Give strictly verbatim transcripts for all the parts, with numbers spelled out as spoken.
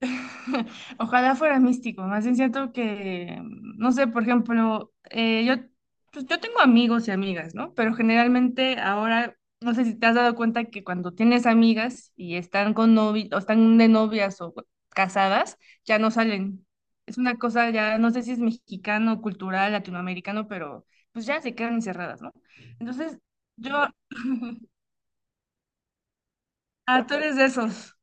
Ojalá fuera místico, más bien siento que, no sé, por ejemplo, eh, yo, pues yo tengo amigos y amigas, ¿no? Pero generalmente ahora, no sé si te has dado cuenta que cuando tienes amigas y están con novi o están de novias o casadas, ya no salen. Es una cosa ya, no sé si es mexicano, cultural, latinoamericano, pero pues ya se quedan encerradas, ¿no? Entonces, yo, ah, tú eres de esos,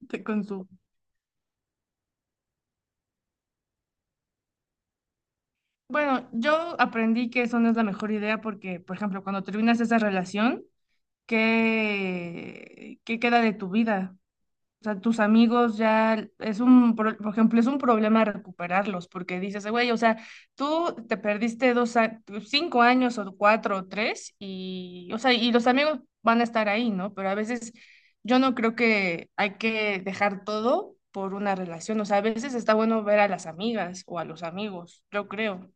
de- con su bueno, yo aprendí que eso no es la mejor idea porque, por ejemplo, cuando terminas esa relación, ¿qué, qué queda de tu vida? O sea, tus amigos ya es un, pro- por ejemplo, es un problema recuperarlos porque dices, güey, o sea, tú te perdiste dos, a- cinco años o cuatro o tres y, o sea, y los amigos van a estar ahí, ¿no? Pero a veces yo no creo que hay que dejar todo por una relación. O sea, a veces está bueno ver a las amigas o a los amigos, yo creo.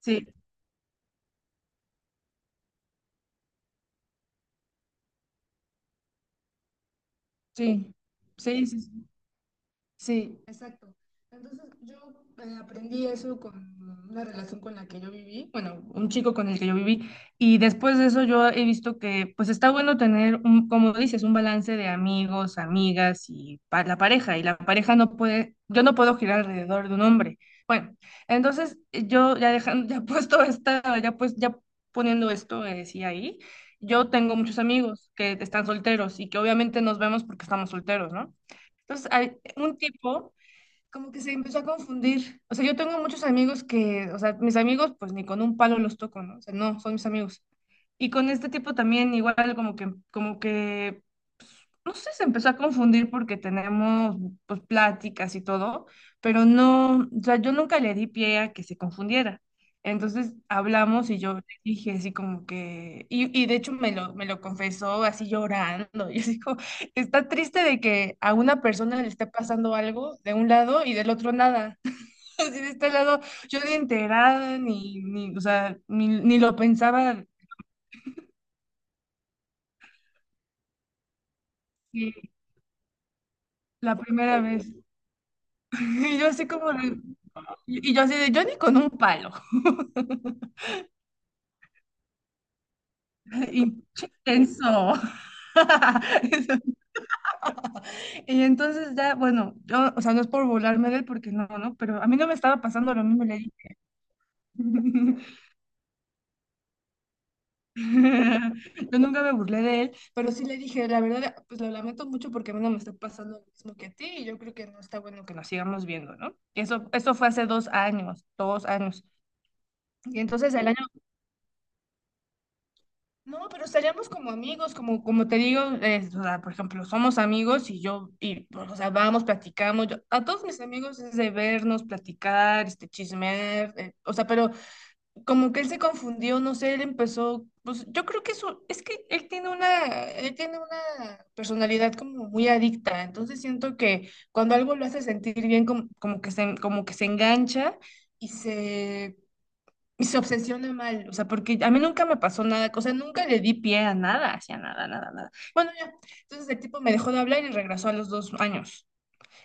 Sí, sí, sí, sí, sí. Sí, exacto. Entonces yo eh, aprendí eso con una relación con la que yo viví, bueno, un chico con el que yo viví, y después de eso yo he visto que pues está bueno tener, un, como dices, un balance de amigos, amigas y pa- la pareja, y la pareja no puede, yo no puedo girar alrededor de un hombre. Bueno, entonces eh, yo ya dejando, ya puesto esta, ya pues, ya poniendo esto, eh, sí, ahí, yo tengo muchos amigos que están solteros y que obviamente nos vemos porque estamos solteros, ¿no? Entonces, hay un tipo como que se empezó a confundir. O sea, yo tengo muchos amigos que, o sea, mis amigos pues ni con un palo los toco, ¿no? O sea, no, son mis amigos. Y con este tipo también igual como que, como que, pues, no sé, se empezó a confundir porque tenemos pues pláticas y todo, pero no, o sea, yo nunca le di pie a que se confundiera. Entonces hablamos y yo le dije así como que, y, y de hecho me lo, me lo confesó así llorando, y así como, está triste de que a una persona le esté pasando algo de un lado y del otro nada. Así de este lado, yo ni enterada, ni, ni, o sea, ni, ni lo pensaba sí, la primera vez. Y yo así como de, y yo así de, yo ni con un palo. Y tenso. Y entonces ya, bueno, yo, o sea, no es por burlarme de él porque no, ¿no? Pero a mí no me estaba pasando lo mismo, le dije. Yo nunca me burlé de él, pero sí le dije, la verdad, pues lo lamento mucho porque a mí no me está pasando lo mismo que a ti y yo creo que no está bueno que nos sigamos viendo, ¿no? eso, eso fue hace dos años, dos años. Y entonces el año, no, pero estaríamos como amigos, como, como te digo, eh, o sea, por ejemplo, somos amigos y yo, y, pues, o sea, vamos, platicamos, yo- a todos mis amigos es de vernos, platicar, este, chismear, eh, o sea, pero como que él se confundió, no sé, él empezó, pues yo creo que eso, es que él tiene una, él tiene una personalidad como muy adicta, entonces siento que cuando algo lo hace sentir bien, como, como que se, como que se engancha y se, y se obsesiona mal, o sea, porque a mí nunca me pasó nada, o sea, nunca le di pie a nada, hacia nada, nada, nada. Bueno, ya, entonces el tipo me dejó de hablar y regresó a los dos años.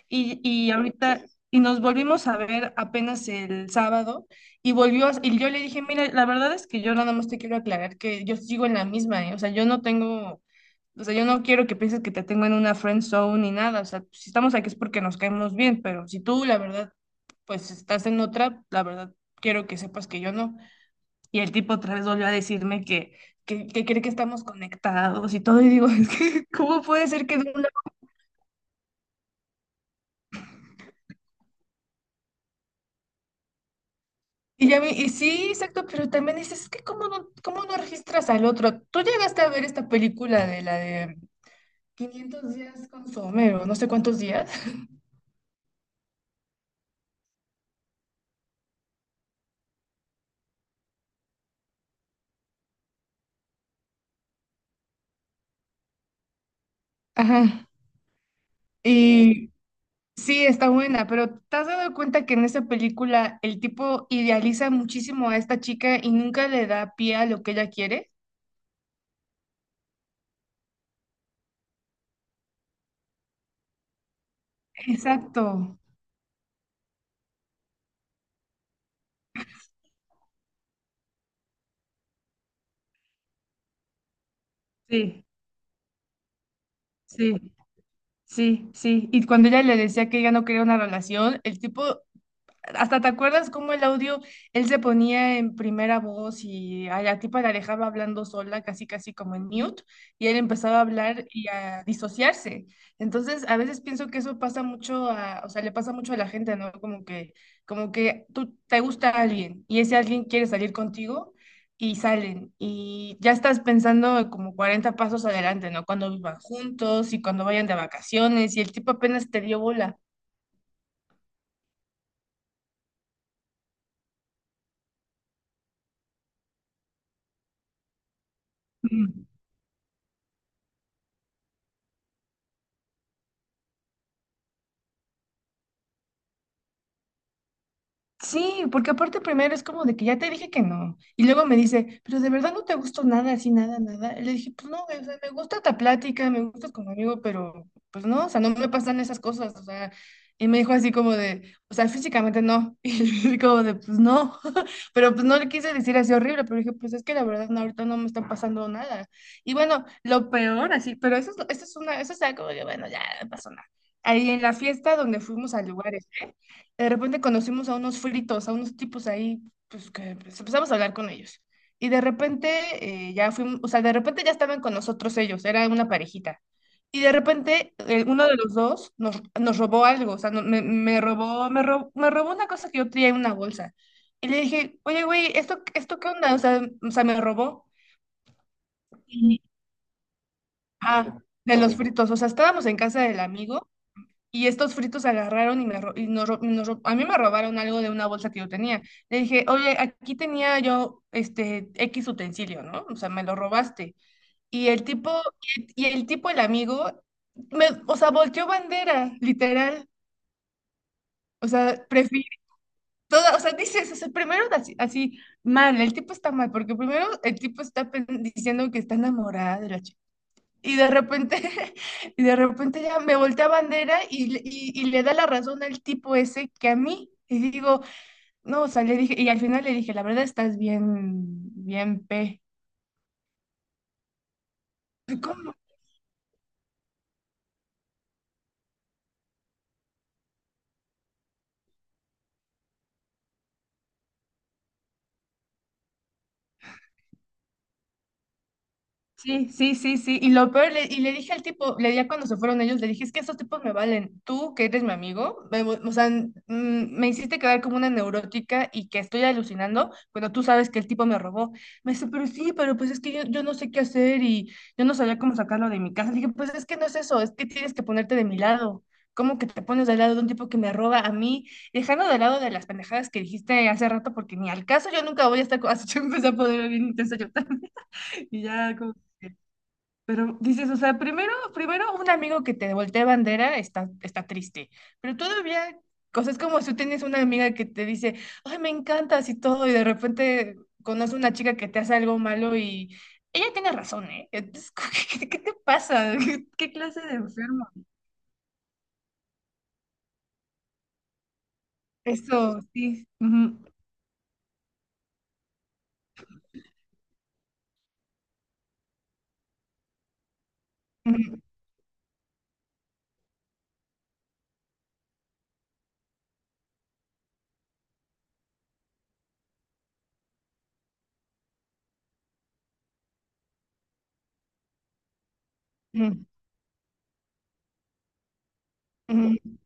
Y, y ahorita, y nos volvimos a ver apenas el sábado, y volvió, a- y yo le dije, mira, la verdad es que yo nada más te quiero aclarar que yo sigo en la misma, ¿eh? O sea, yo no tengo, o sea, yo no quiero que pienses que te tengo en una friend zone ni nada, o sea, si estamos aquí es porque nos caemos bien, pero si tú, la verdad, pues estás en otra, la verdad, quiero que sepas que yo no. Y el tipo otra vez volvió a decirme que, que, que cree que estamos conectados y todo, y digo, es que, ¿cómo puede ser que de y, ya, vi- y sí, exacto, pero también dices, es que cómo no, cómo no registras al otro. Tú llegaste a ver esta película de la de quinientos días con Somero, no sé cuántos días. Ajá. Y sí, está buena, pero ¿te has dado cuenta que en esa película el tipo idealiza muchísimo a esta chica y nunca le da pie a lo que ella quiere? Exacto. Sí, sí, sí, sí. Y cuando ella le decía que ella no quería una relación, el tipo hasta te acuerdas cómo el audio, él se ponía en primera voz y a la tipa la dejaba hablando sola, casi casi como en mute, y él empezaba a hablar y a disociarse. Entonces, a veces pienso que eso pasa mucho a, o sea, le pasa mucho a la gente, ¿no? Como que, como que, tú te gusta alguien y ese alguien quiere salir contigo y salen y ya estás pensando como cuarenta pasos adelante, ¿no? Cuando vivan juntos y cuando vayan de vacaciones y el tipo apenas te dio bola. Sí, porque aparte primero es como de que ya te dije que no. Y luego me dice, pero de verdad no te gustó nada, así, nada, nada. Y le dije, pues no, güey, o sea, me gusta esta plática, me gustas como amigo, pero pues no, o sea, no me pasan esas cosas, o sea. Y me dijo así como de, o sea, físicamente no. Y yo así como de, pues no. Pero pues no le quise decir así horrible, pero dije, pues es que la verdad no, ahorita no me está pasando nada. Y bueno, lo peor así, pero eso es, eso es una, eso es algo de, bueno, ya no pasó nada. Ahí en la fiesta donde fuimos a lugares. De repente conocimos a unos fritos, a unos tipos ahí, pues que pues, empezamos a hablar con ellos. Y de repente eh, ya fuimos, o sea, de repente ya estaban con nosotros ellos, era una parejita. Y de repente eh, uno de los dos nos, nos robó algo, o sea, no- me, me robó, me robó, me robó una cosa que yo traía en una bolsa. Y le dije, oye, güey, ¿esto, esto qué onda? O sea, o sea, me robó. Y, ah, de los fritos, o sea, estábamos en casa del amigo. Y estos fritos agarraron y, me, ro- y nos, ro- y nos ro- a mí me robaron algo de una bolsa que yo tenía. Le dije, oye, aquí tenía yo este X utensilio, ¿no? O sea, me lo robaste. Y el tipo, y el tipo, el amigo, me, o sea, volteó bandera, literal. O sea, prefiero, toda, o sea, dices, o sea, primero así, así, mal, el tipo está mal, porque primero el tipo está pen- diciendo que está enamorado, de la y de repente, y de repente ya me voltea bandera y, le- y, y le da la razón al tipo ese que a mí. Y digo, no, o sea, le dije, y al final le dije, la verdad estás bien, bien P. Sí, sí, sí, sí. Y lo peor, le- y le dije al tipo, le dije cuando se fueron ellos, le dije, es que estos tipos me valen. Tú, que eres mi amigo, me, o sea, mm, me hiciste quedar como una neurótica y que estoy alucinando cuando tú sabes que el tipo me robó. Me dice, pero sí, pero pues es que yo, yo no sé qué hacer y yo no sabía cómo sacarlo de mi casa. Le dije, pues es que no es eso, es que tienes que ponerte de mi lado. ¿Cómo que te pones del lado de un tipo que me roba a mí? Dejando de lado de las pendejadas que dijiste hace rato, porque ni al caso yo nunca voy a estar, co- así yo empecé a poder bien intenso yo también. Y ya como... Pero dices, o sea, primero, primero un amigo que te voltea bandera está, está triste, pero todavía cosas como si tú tienes una amiga que te dice, ay, me encantas y todo, y de repente conoces una chica que te hace algo malo y ella tiene razón, ¿eh? Entonces, como ¿qué, qué te pasa? ¿Qué, qué clase de enfermo? Eso, sí. Ujú, ujú, ujú, ujú.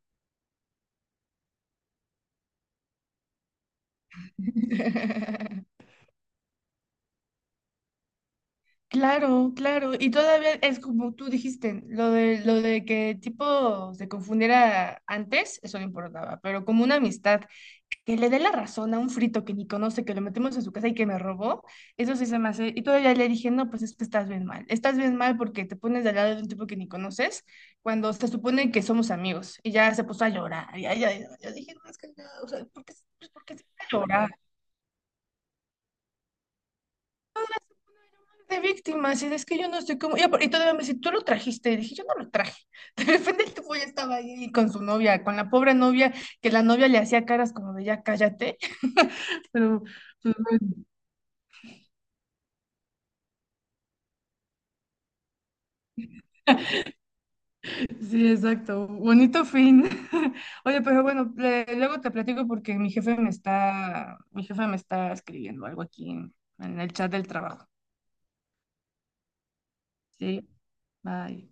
Claro, claro. Y todavía es como tú dijiste, lo de, lo de que tipo se confundiera antes, eso no importaba, pero como una amistad que le dé la razón a un frito que ni conoce, que lo metemos en su casa y que me robó, eso sí se me hace. Y todavía le dije, no, pues es que estás bien mal. Estás bien mal porque te pones del lado de un tipo que ni conoces cuando se supone que somos amigos. Y ya se puso a llorar. Y ya, ya, ya, yo dije, no, es que no, o sea, ¿por qué, pues, por qué se pone a llorar? De víctimas, y es que yo no estoy como, y apar- y todavía me dice, tú lo trajiste, y dije, yo no lo traje, de repente el tipo ya estaba ahí con su novia, con la pobre novia, que la novia le hacía caras como de ya cállate, pero pues, sí, exacto, bonito fin, oye, pero bueno, le- luego te platico porque mi jefe me está, mi jefe me está escribiendo algo aquí en en el chat del trabajo, sí, bye.